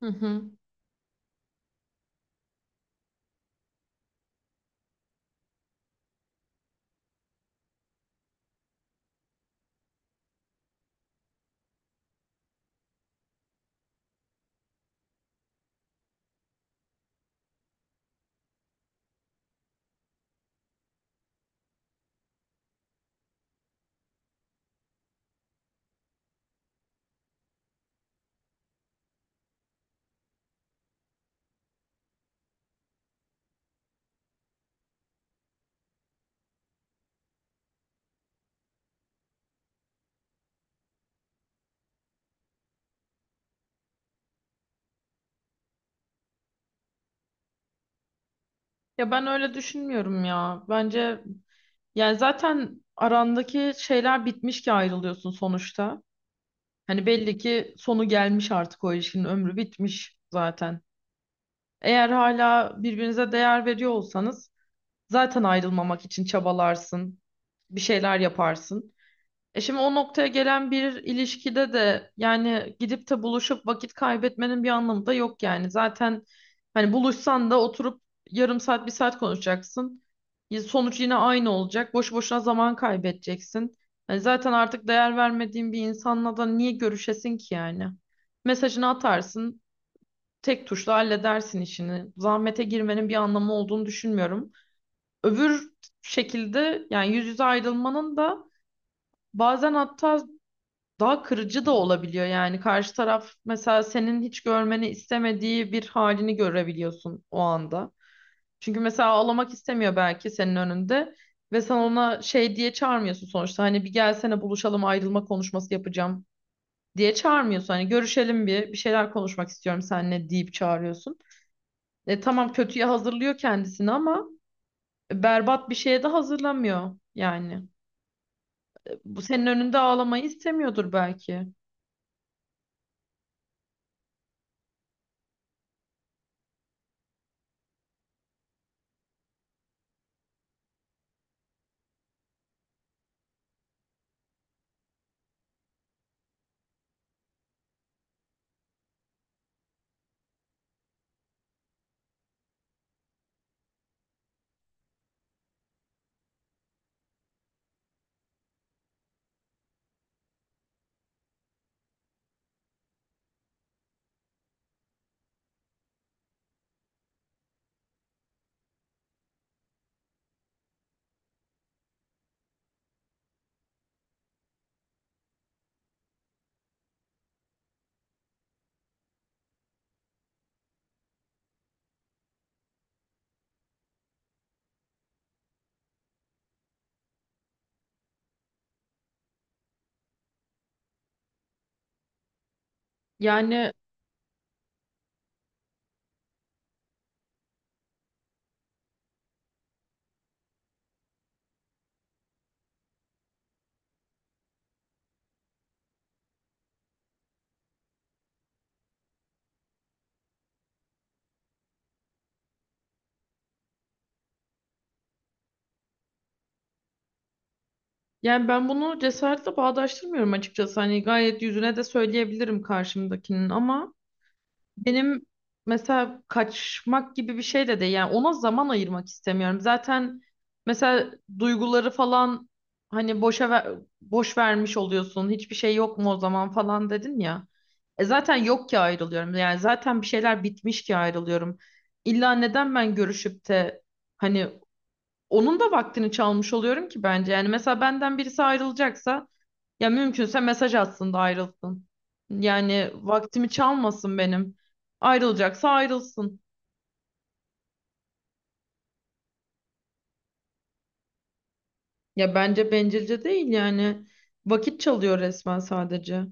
Hı hı. Ya ben öyle düşünmüyorum ya. Bence yani zaten arandaki şeyler bitmiş ki ayrılıyorsun sonuçta. Hani belli ki sonu gelmiş, artık o ilişkinin ömrü bitmiş zaten. Eğer hala birbirinize değer veriyor olsanız zaten ayrılmamak için çabalarsın, bir şeyler yaparsın. E şimdi o noktaya gelen bir ilişkide de yani gidip de buluşup vakit kaybetmenin bir anlamı da yok yani. Zaten hani buluşsan da oturup yarım saat, bir saat konuşacaksın. Sonuç yine aynı olacak. Boş boşuna zaman kaybedeceksin. Hani zaten artık değer vermediğin bir insanla da niye görüşesin ki yani? Mesajını atarsın, tek tuşla halledersin işini. Zahmete girmenin bir anlamı olduğunu düşünmüyorum. Öbür şekilde, yani yüz yüze ayrılmanın da bazen hatta daha kırıcı da olabiliyor yani. Karşı taraf mesela senin hiç görmeni istemediği bir halini görebiliyorsun o anda. Çünkü mesela ağlamak istemiyor belki senin önünde ve sen ona şey diye çağırmıyorsun sonuçta. Hani bir gelsene buluşalım, ayrılma konuşması yapacağım diye çağırmıyorsun. Hani görüşelim, bir şeyler konuşmak istiyorum seninle deyip çağırıyorsun. E tamam, kötüye hazırlıyor kendisini ama berbat bir şeye de hazırlamıyor yani. Bu senin önünde ağlamayı istemiyordur belki. Yani Yani ben bunu cesaretle bağdaştırmıyorum açıkçası. Hani gayet yüzüne de söyleyebilirim karşımdakinin ama benim mesela kaçmak gibi bir şey de değil. Yani ona zaman ayırmak istemiyorum. Zaten mesela duyguları falan hani boş vermiş oluyorsun. Hiçbir şey yok mu o zaman falan dedin ya. E zaten yok ki ayrılıyorum. Yani zaten bir şeyler bitmiş ki ayrılıyorum. İlla neden ben görüşüp de hani onun da vaktini çalmış oluyorum ki bence. Yani mesela benden birisi ayrılacaksa ya mümkünse mesaj atsın da ayrılsın. Yani vaktimi çalmasın benim. Ayrılacaksa ayrılsın. Ya bence bencilce değil yani. Vakit çalıyor resmen sadece.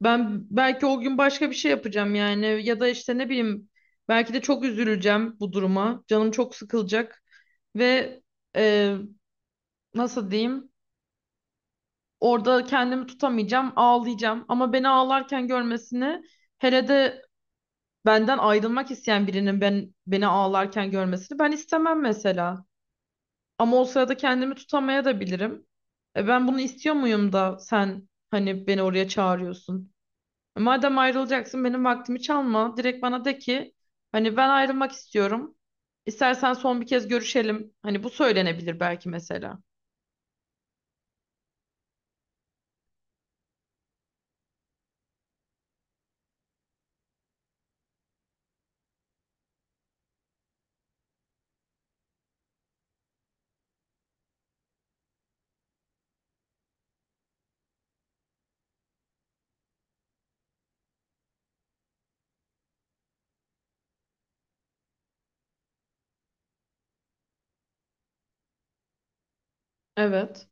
Ben belki o gün başka bir şey yapacağım yani, ya da işte ne bileyim, belki de çok üzüleceğim bu duruma. Canım çok sıkılacak ve e, nasıl diyeyim? Orada kendimi tutamayacağım, ağlayacağım. Ama beni ağlarken görmesini, hele de benden ayrılmak isteyen birinin ben beni ağlarken görmesini ben istemem mesela. Ama o sırada kendimi tutamaya da bilirim. E ben bunu istiyor muyum da sen hani beni oraya çağırıyorsun? Madem ayrılacaksın benim vaktimi çalma. Direkt bana de ki hani ben ayrılmak istiyorum. İstersen son bir kez görüşelim. Hani bu söylenebilir belki mesela. Evet.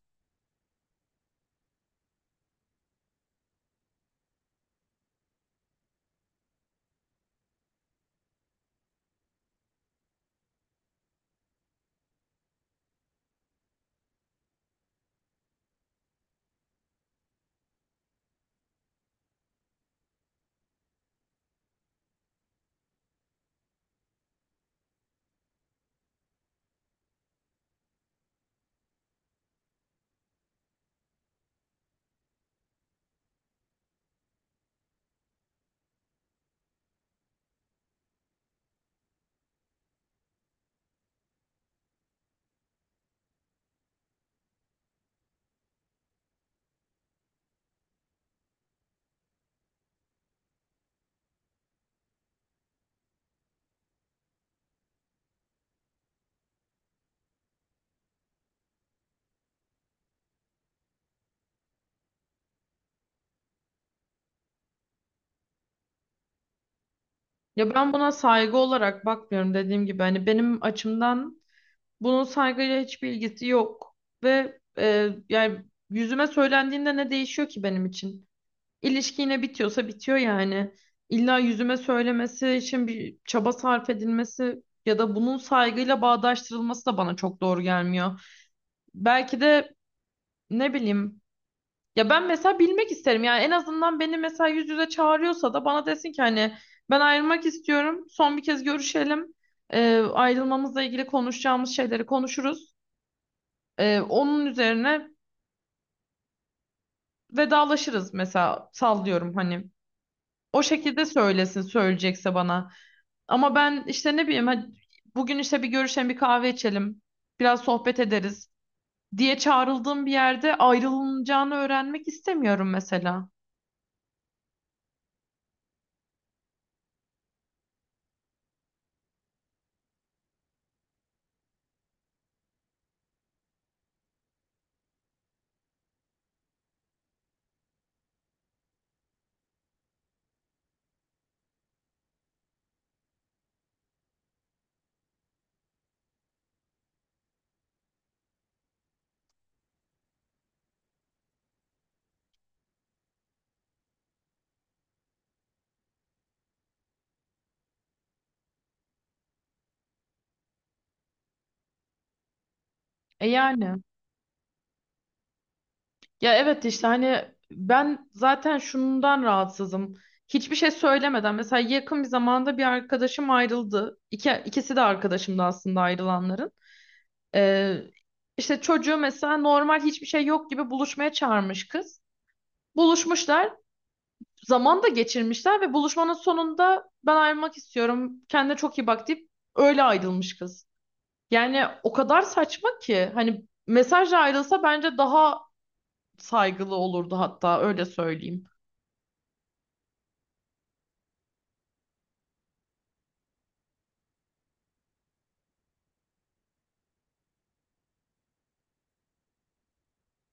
Ya ben buna saygı olarak bakmıyorum dediğim gibi. Hani benim açımdan bunun saygıyla hiçbir ilgisi yok. Ve yani yüzüme söylendiğinde ne değişiyor ki benim için? İlişki yine bitiyorsa bitiyor yani. İlla yüzüme söylemesi için bir çaba sarf edilmesi ya da bunun saygıyla bağdaştırılması da bana çok doğru gelmiyor. Belki de ne bileyim, ya ben mesela bilmek isterim yani. En azından beni mesela yüz yüze çağırıyorsa da bana desin ki hani ben ayrılmak istiyorum, son bir kez görüşelim. Ayrılmamızla ilgili konuşacağımız şeyleri konuşuruz, onun üzerine vedalaşırız mesela. Sallıyorum hani, o şekilde söylesin söyleyecekse bana. Ama ben işte ne bileyim, hadi bugün işte bir görüşelim, bir kahve içelim. Biraz sohbet ederiz diye çağrıldığım bir yerde ayrılacağını öğrenmek istemiyorum mesela. E yani. Ya evet, işte hani ben zaten şundan rahatsızım. Hiçbir şey söylemeden mesela yakın bir zamanda bir arkadaşım ayrıldı. İkisi de arkadaşımdı aslında ayrılanların. Ee, işte çocuğu mesela normal, hiçbir şey yok gibi buluşmaya çağırmış kız. Buluşmuşlar, zaman da geçirmişler ve buluşmanın sonunda ben ayrılmak istiyorum, kendine çok iyi bak deyip öyle ayrılmış kız. Yani o kadar saçma ki hani mesajla ayrılsa bence daha saygılı olurdu, hatta öyle söyleyeyim.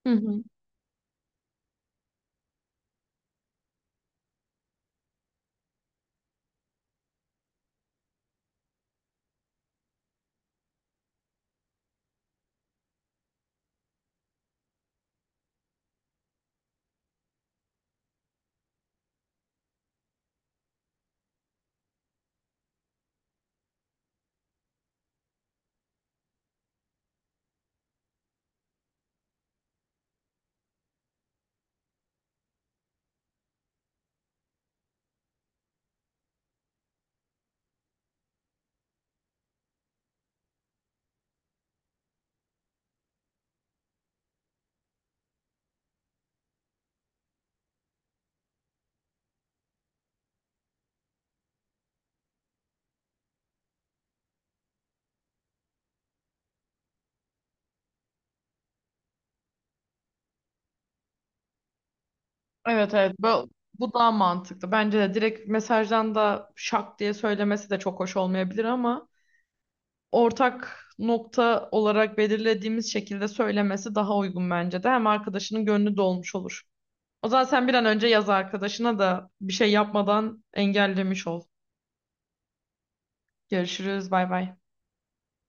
Hı hı. Evet, evet, bu, bu daha mantıklı. Bence de direkt mesajdan da şak diye söylemesi de çok hoş olmayabilir ama ortak nokta olarak belirlediğimiz şekilde söylemesi daha uygun bence de. Hem arkadaşının gönlü dolmuş olur. O zaman sen bir an önce yaz arkadaşına da bir şey yapmadan engellemiş ol. Görüşürüz. Bay bay.